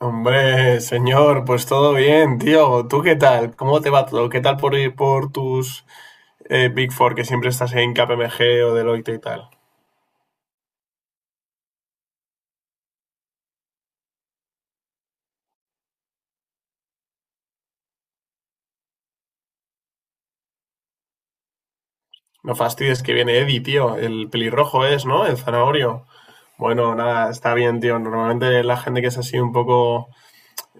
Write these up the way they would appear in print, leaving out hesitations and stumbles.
Hombre, señor, pues todo bien, tío. ¿Tú qué tal? ¿Cómo te va todo? ¿Qué tal por ir por tus Big Four, que siempre estás en KPMG o Deloitte y tal? No fastidies que viene Eddie, tío. El pelirrojo es, ¿no? El zanahorio. Bueno, nada, está bien, tío. Normalmente la gente que es así un poco...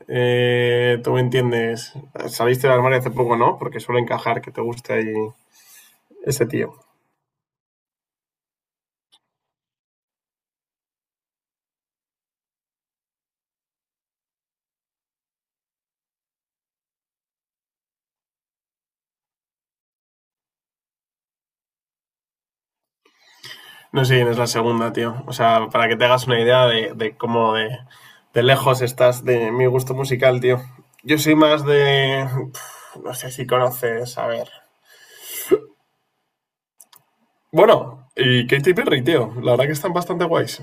tú me entiendes. Saliste del armario hace poco, ¿no? Porque suele encajar que te guste ahí ese tío. No sé quién es la segunda, tío. O sea, para que te hagas una idea de cómo de lejos estás de mi gusto musical, tío. Yo soy más de... no sé si conoces, a ver. Bueno, y Katy Perry, tío. La verdad que están bastante guays.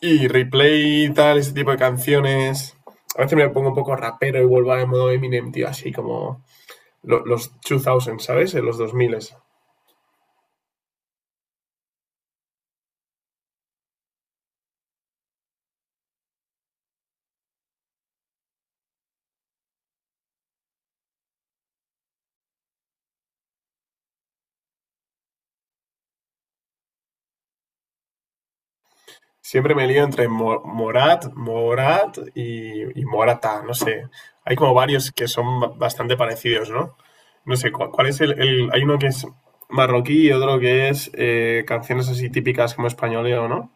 Y replay y tal, ese tipo de canciones. A veces me pongo un poco rapero y vuelvo al modo Eminem, tío. Así como los 2000, ¿sabes? En los 2000. Siempre me lío entre Morat y Morata, no sé. Hay como varios que son bastante parecidos, ¿no? No sé. ¿Cuál, cuál es el- Hay uno que es marroquí y otro que es canciones así típicas como españoleo, ¿no?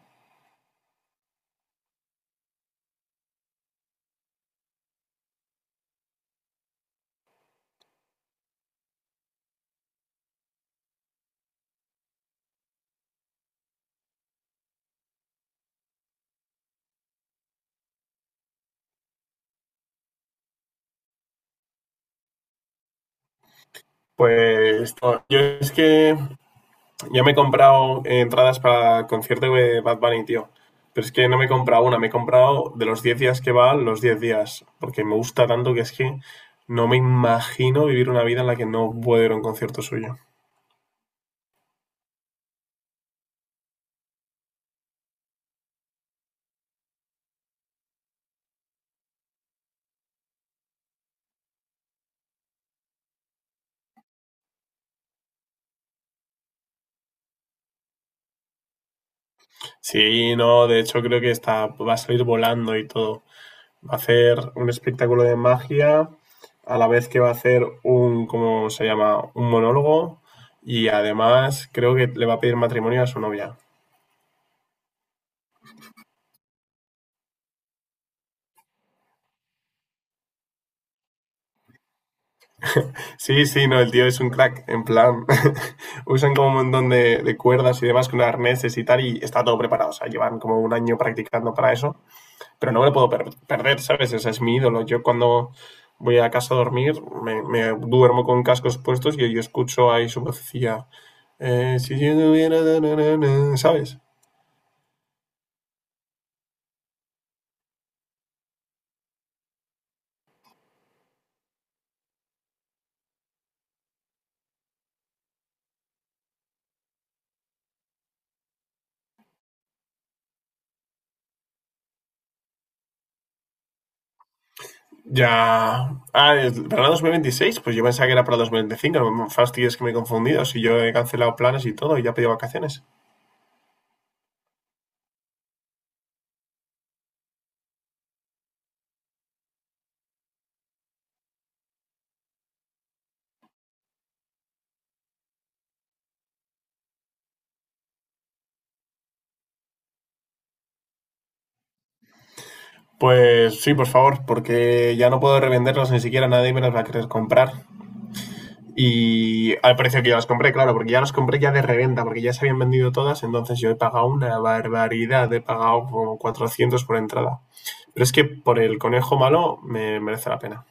Pues no, yo es que ya me he comprado entradas para concierto de Bad Bunny, tío. Pero es que no me he comprado una, me he comprado de los 10 días que va, los 10 días. Porque me gusta tanto que es que no me imagino vivir una vida en la que no puedo ir a un concierto suyo. Sí, no, de hecho creo que está, va a salir volando y todo. Va a hacer un espectáculo de magia, a la vez que va a hacer un, ¿cómo se llama? Un monólogo. Y además creo que le va a pedir matrimonio a su novia. Sí, sí, no, el tío es un crack, en plan, usan como un montón de cuerdas y demás con arneses y tal, y está todo preparado, o sea, llevan como un año practicando para eso, pero no me lo puedo perder, ¿sabes? Ese es mi ídolo. Yo cuando voy a casa a dormir, me duermo con cascos puestos y yo escucho ahí su vocecilla, si yo tuviera, na, na, na, na, ¿sabes? Ya, ah, es para 2026, pues yo pensaba que era para 2025. No me fastidies que me he confundido, si yo he cancelado planes y todo, y ya he pedido vacaciones. Pues sí, por favor, porque ya no puedo revenderlos ni siquiera, nadie me los va a querer comprar. Y al precio que yo las compré, claro, porque ya las compré ya de reventa, porque ya se habían vendido todas, entonces yo he pagado una barbaridad, he pagado como 400 por entrada. Pero es que por el conejo malo me merece la pena.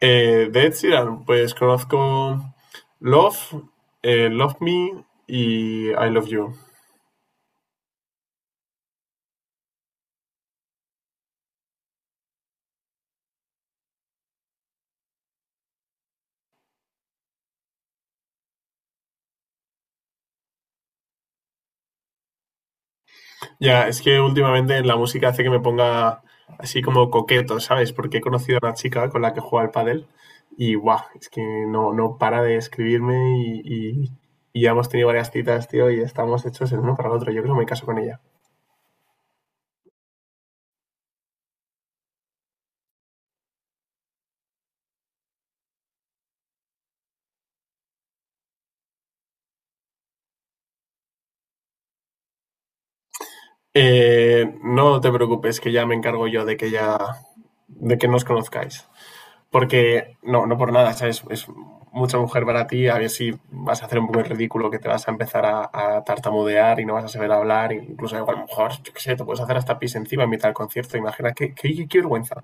De Ed Sheeran, pues conozco Love, Love Me y I Love You. Ya, es que últimamente la música hace que me ponga así como coqueto, ¿sabes? Porque he conocido a una chica con la que juega al pádel y guau, es que no, no para de escribirme y ya hemos tenido varias citas, tío, y estamos hechos el uno para el otro. Yo creo que no me caso con ella. No te preocupes, que ya me encargo yo de que nos conozcáis. Porque no, no por nada, ¿sabes? Es mucha mujer para ti, a ver si vas a hacer un poco el ridículo, que te vas a empezar a tartamudear y no vas a saber hablar, e incluso igual, a lo mejor, yo qué sé, te puedes hacer hasta pis encima en mitad del concierto. Imagina, qué vergüenza.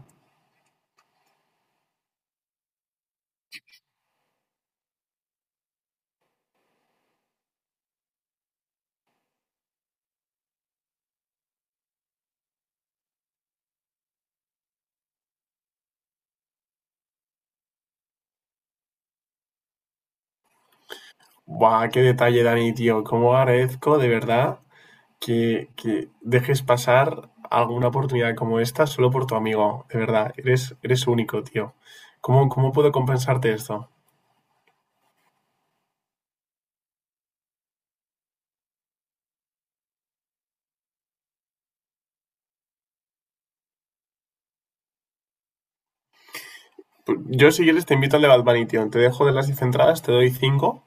Buah, qué detalle, Dani, tío, cómo agradezco de verdad que dejes pasar alguna oportunidad como esta solo por tu amigo. De verdad, eres único, tío. ¿Cómo puedo compensarte esto? Yo, si quieres, te invito al de Bad Bunny, tío. Te dejo de las 10 entradas, te doy cinco.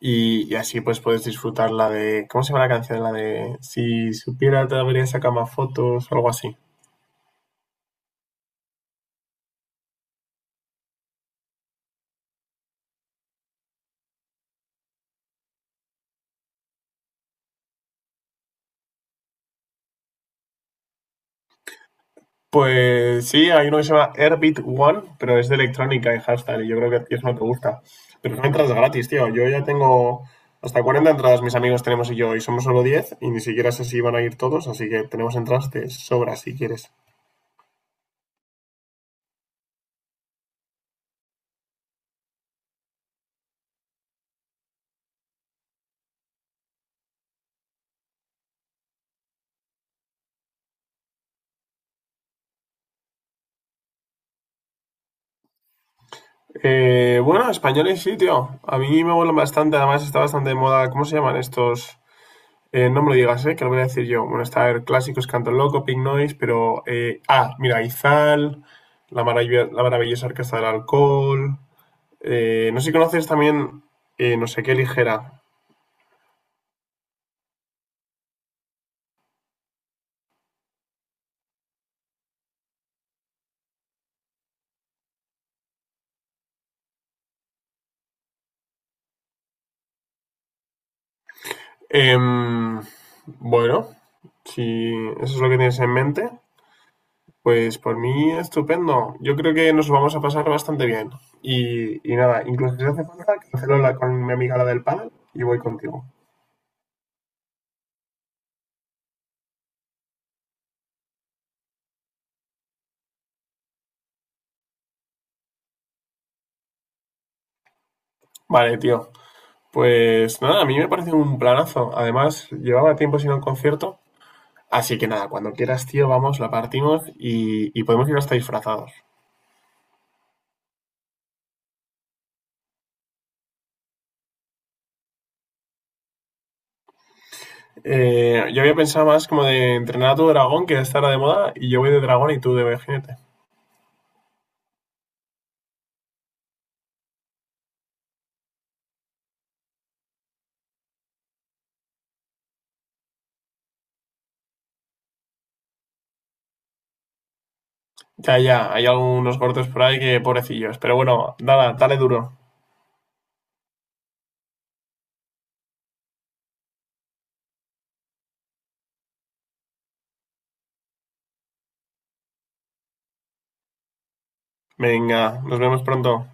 Y así pues puedes disfrutar la de... ¿Cómo se llama la canción? La de... Si supiera te debería sacar más fotos algo así. Pues sí, hay uno que se llama Airbeat One, pero es de electrónica y hashtag y yo creo que a ti eso no te gusta. Pero son entradas gratis, tío. Yo ya tengo hasta 40 entradas, mis amigos tenemos y yo, y somos solo 10 y ni siquiera sé si van a ir todos, así que tenemos entradas de sobra si quieres. Bueno, españoles sí, tío. A mí me molan bastante, además está bastante de moda. ¿Cómo se llaman estos? No me lo digas, que lo voy a decir yo. Bueno, está a ver, clásicos, Canto Loco, Pink Noise, pero... ah, mira, Izal, la maravillosa Orquesta del Alcohol... no sé si conoces también, no sé qué ligera. Em, bueno, si eso es lo que tienes en mente, pues por mí estupendo. Yo creo que nos vamos a pasar bastante bien. Y nada, incluso si hace falta, cancelo con mi amiga la del panel y voy contigo. Vale, tío. Pues nada, a mí me parece un planazo. Además, llevaba tiempo sin un concierto. Así que nada, cuando quieras, tío, vamos, la partimos y podemos ir hasta disfrazados. Yo había pensado más como de entrenar a tu dragón, que estará de moda, y yo voy de dragón y tú de jinete. Ya, ya, hay algunos cortes por ahí que pobrecillos. Pero bueno, nada, dale duro. Venga, nos vemos pronto.